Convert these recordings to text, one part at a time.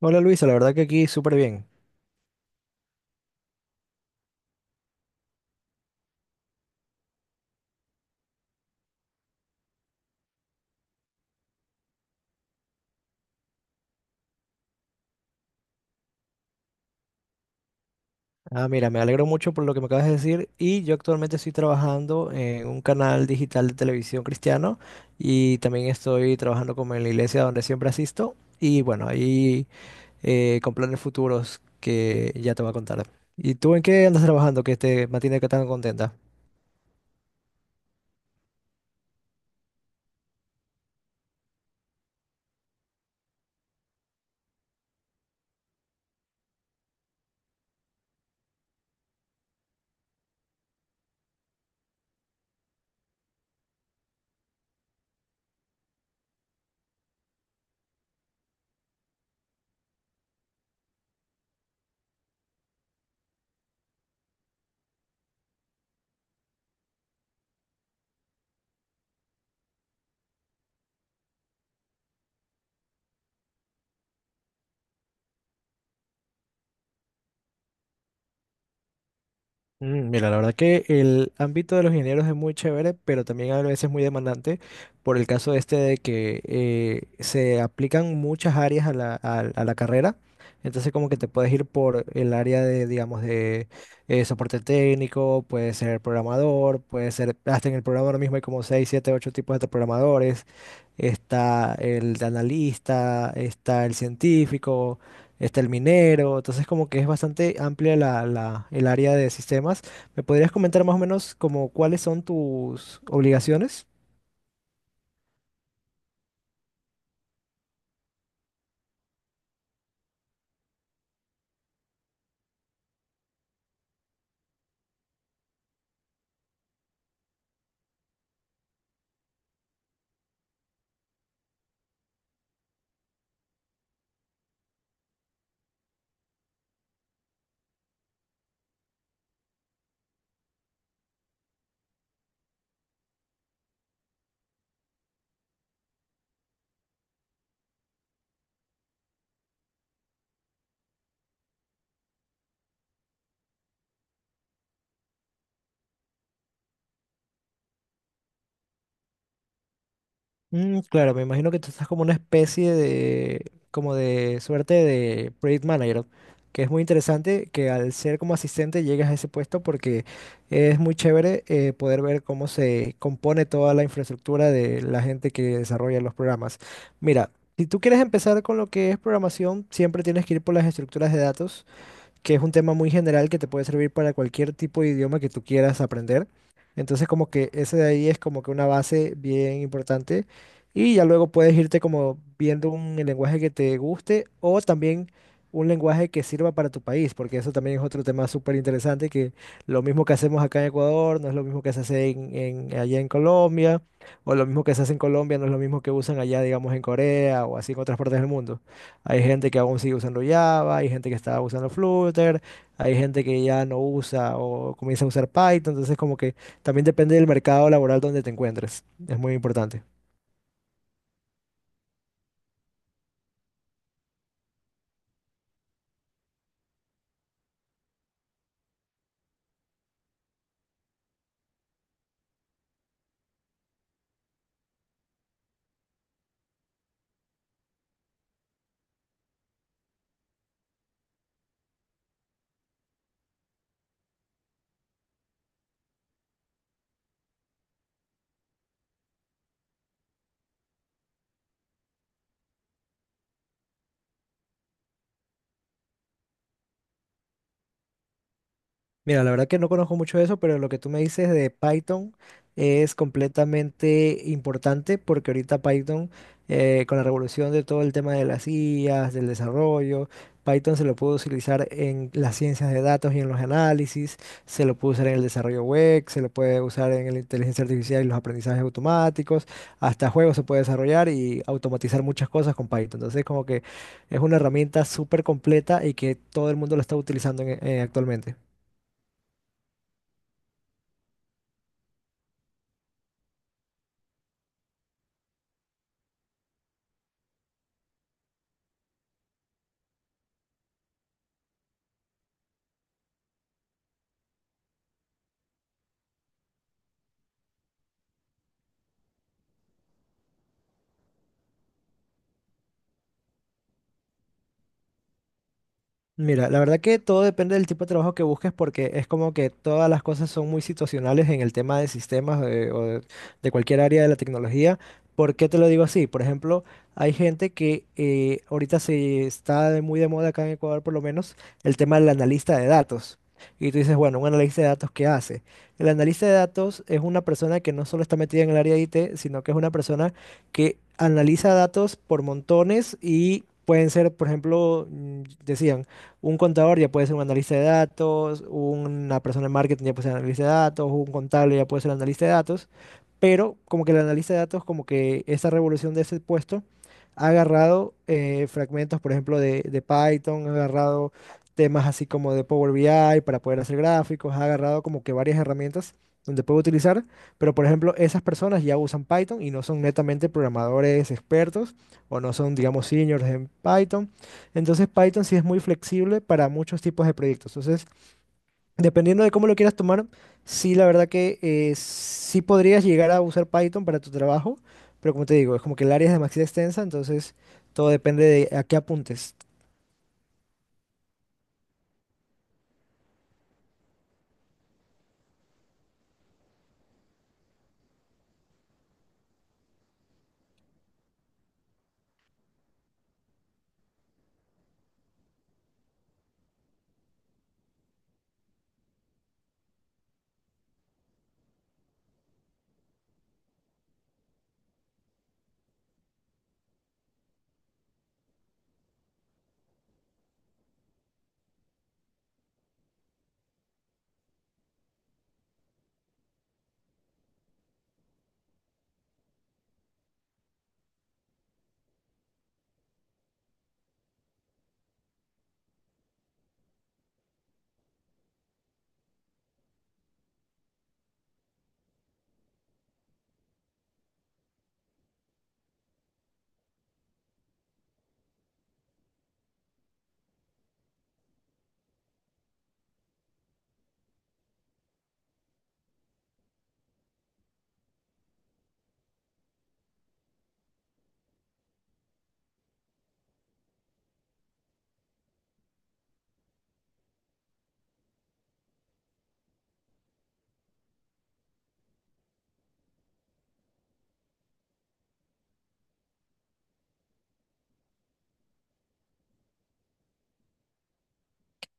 Hola Luisa, la verdad que aquí súper bien. Ah, mira, me alegro mucho por lo que me acabas de decir y yo actualmente estoy trabajando en un canal digital de televisión cristiano y también estoy trabajando como en la iglesia donde siempre asisto y bueno, ahí con planes futuros que ya te voy a contar. ¿Y tú en qué andas trabajando que te mantiene que tan contenta? Mm, mira, la verdad que el ámbito de los ingenieros es muy chévere, pero también a veces muy demandante por el caso este de que se aplican muchas áreas a la carrera. Entonces como que te puedes ir por el área de, digamos, de soporte técnico, puedes ser programador, puedes ser, hasta en el programa ahora mismo hay como 6 7 8 tipos de programadores, está el analista, está el científico, está el minero. Entonces como que es bastante amplia el área de sistemas. ¿Me podrías comentar más o menos como cuáles son tus obligaciones? Mm, claro, me imagino que tú estás como una especie de, como de suerte de project manager, que es muy interesante que al ser como asistente llegues a ese puesto porque es muy chévere, poder ver cómo se compone toda la infraestructura de la gente que desarrolla los programas. Mira, si tú quieres empezar con lo que es programación, siempre tienes que ir por las estructuras de datos, que es un tema muy general que te puede servir para cualquier tipo de idioma que tú quieras aprender. Entonces como que ese de ahí es como que una base bien importante y ya luego puedes irte como viendo un lenguaje que te guste, o también un lenguaje que sirva para tu país, porque eso también es otro tema súper interesante. Que lo mismo que hacemos acá en Ecuador no es lo mismo que se hace allá en Colombia, o lo mismo que se hace en Colombia no es lo mismo que usan allá, digamos, en Corea o así en otras partes del mundo. Hay gente que aún sigue usando Java, hay gente que está usando Flutter, hay gente que ya no usa o comienza a usar Python. Entonces, como que también depende del mercado laboral donde te encuentres. Es muy importante. Mira, la verdad que no conozco mucho de eso, pero lo que tú me dices de Python es completamente importante porque ahorita Python, con la revolución de todo el tema de las IAs, del desarrollo, Python se lo puede utilizar en las ciencias de datos y en los análisis, se lo puede usar en el desarrollo web, se lo puede usar en la inteligencia artificial y los aprendizajes automáticos, hasta juegos se puede desarrollar y automatizar muchas cosas con Python. Entonces, como que es una herramienta súper completa y que todo el mundo lo está utilizando actualmente. Mira, la verdad que todo depende del tipo de trabajo que busques, porque es como que todas las cosas son muy situacionales en el tema de sistemas, o de cualquier área de la tecnología. ¿Por qué te lo digo así? Por ejemplo, hay gente que ahorita se está muy de moda acá en Ecuador por lo menos el tema del analista de datos. Y tú dices, bueno, un analista de datos, ¿qué hace? El analista de datos es una persona que no solo está metida en el área de IT, sino que es una persona que analiza datos por montones y pueden ser, por ejemplo, mm, decían, un contador ya puede ser un analista de datos, una persona de marketing ya puede ser analista de datos, un contable ya puede ser analista de datos, pero como que el analista de datos, como que esa revolución de ese puesto ha agarrado fragmentos, por ejemplo, de Python, ha agarrado temas así como de Power BI para poder hacer gráficos, ha agarrado como que varias herramientas donde puede utilizar, pero por ejemplo, esas personas ya usan Python y no son netamente programadores expertos, o no son, digamos, seniors en Python. Entonces Python sí es muy flexible para muchos tipos de proyectos. Entonces, dependiendo de cómo lo quieras tomar, sí, la verdad que sí podrías llegar a usar Python para tu trabajo, pero como te digo, es como que el área es demasiado extensa, entonces todo depende de a qué apuntes.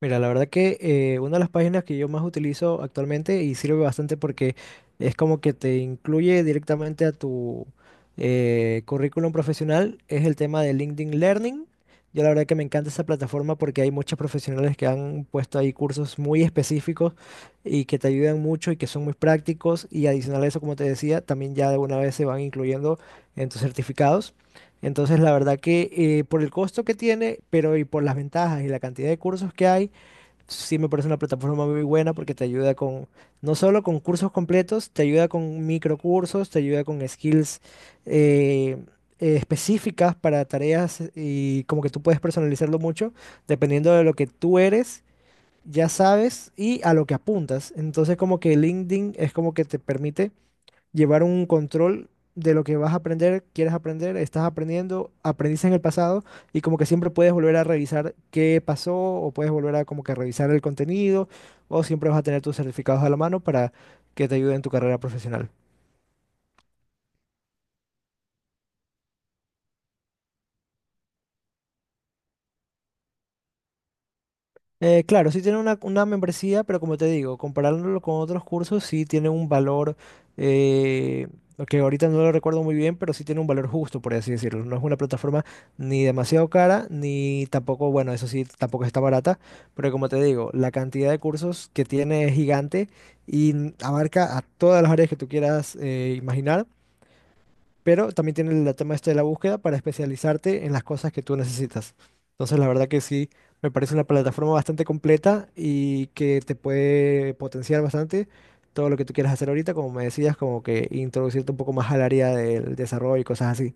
Mira, la verdad que una de las páginas que yo más utilizo actualmente y sirve bastante porque es como que te incluye directamente a tu currículum profesional es el tema de LinkedIn Learning. Yo la verdad que me encanta esa plataforma porque hay muchos profesionales que han puesto ahí cursos muy específicos y que te ayudan mucho y que son muy prácticos, y adicional a eso, como te decía, también ya de una vez se van incluyendo en tus certificados. Entonces, la verdad que por el costo que tiene, pero y por las ventajas y la cantidad de cursos que hay, sí me parece una plataforma muy buena porque te ayuda con, no solo con cursos completos, te ayuda con microcursos, te ayuda con skills eh, específicas para tareas, y como que tú puedes personalizarlo mucho dependiendo de lo que tú eres, ya sabes, y a lo que apuntas. Entonces como que LinkedIn es como que te permite llevar un control de lo que vas a aprender, quieres aprender, estás aprendiendo, aprendiste en el pasado, y como que siempre puedes volver a revisar qué pasó, o puedes volver a como que revisar el contenido, o siempre vas a tener tus certificados a la mano para que te ayuden en tu carrera profesional. Claro, sí tiene una membresía, pero como te digo, comparándolo con otros cursos, sí tiene un valor, eh, que ahorita no lo recuerdo muy bien, pero sí tiene un valor justo, por así decirlo. No es una plataforma ni demasiado cara, ni tampoco, bueno, eso sí, tampoco está barata, pero como te digo, la cantidad de cursos que tiene es gigante y abarca a todas las áreas que tú quieras imaginar, pero también tiene el tema este de la búsqueda para especializarte en las cosas que tú necesitas. Entonces, la verdad que sí, me parece una plataforma bastante completa y que te puede potenciar bastante todo lo que tú quieras hacer ahorita, como me decías, como que introducirte un poco más al área del desarrollo y cosas así.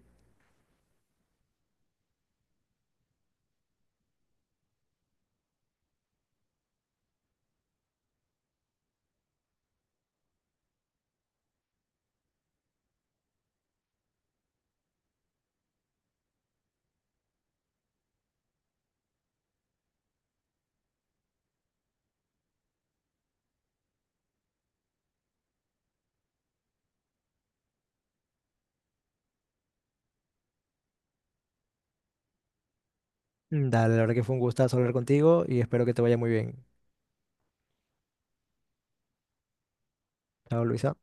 Mm, dale, la verdad que fue un gustazo hablar contigo y espero que te vaya muy bien. Chao, Luisa.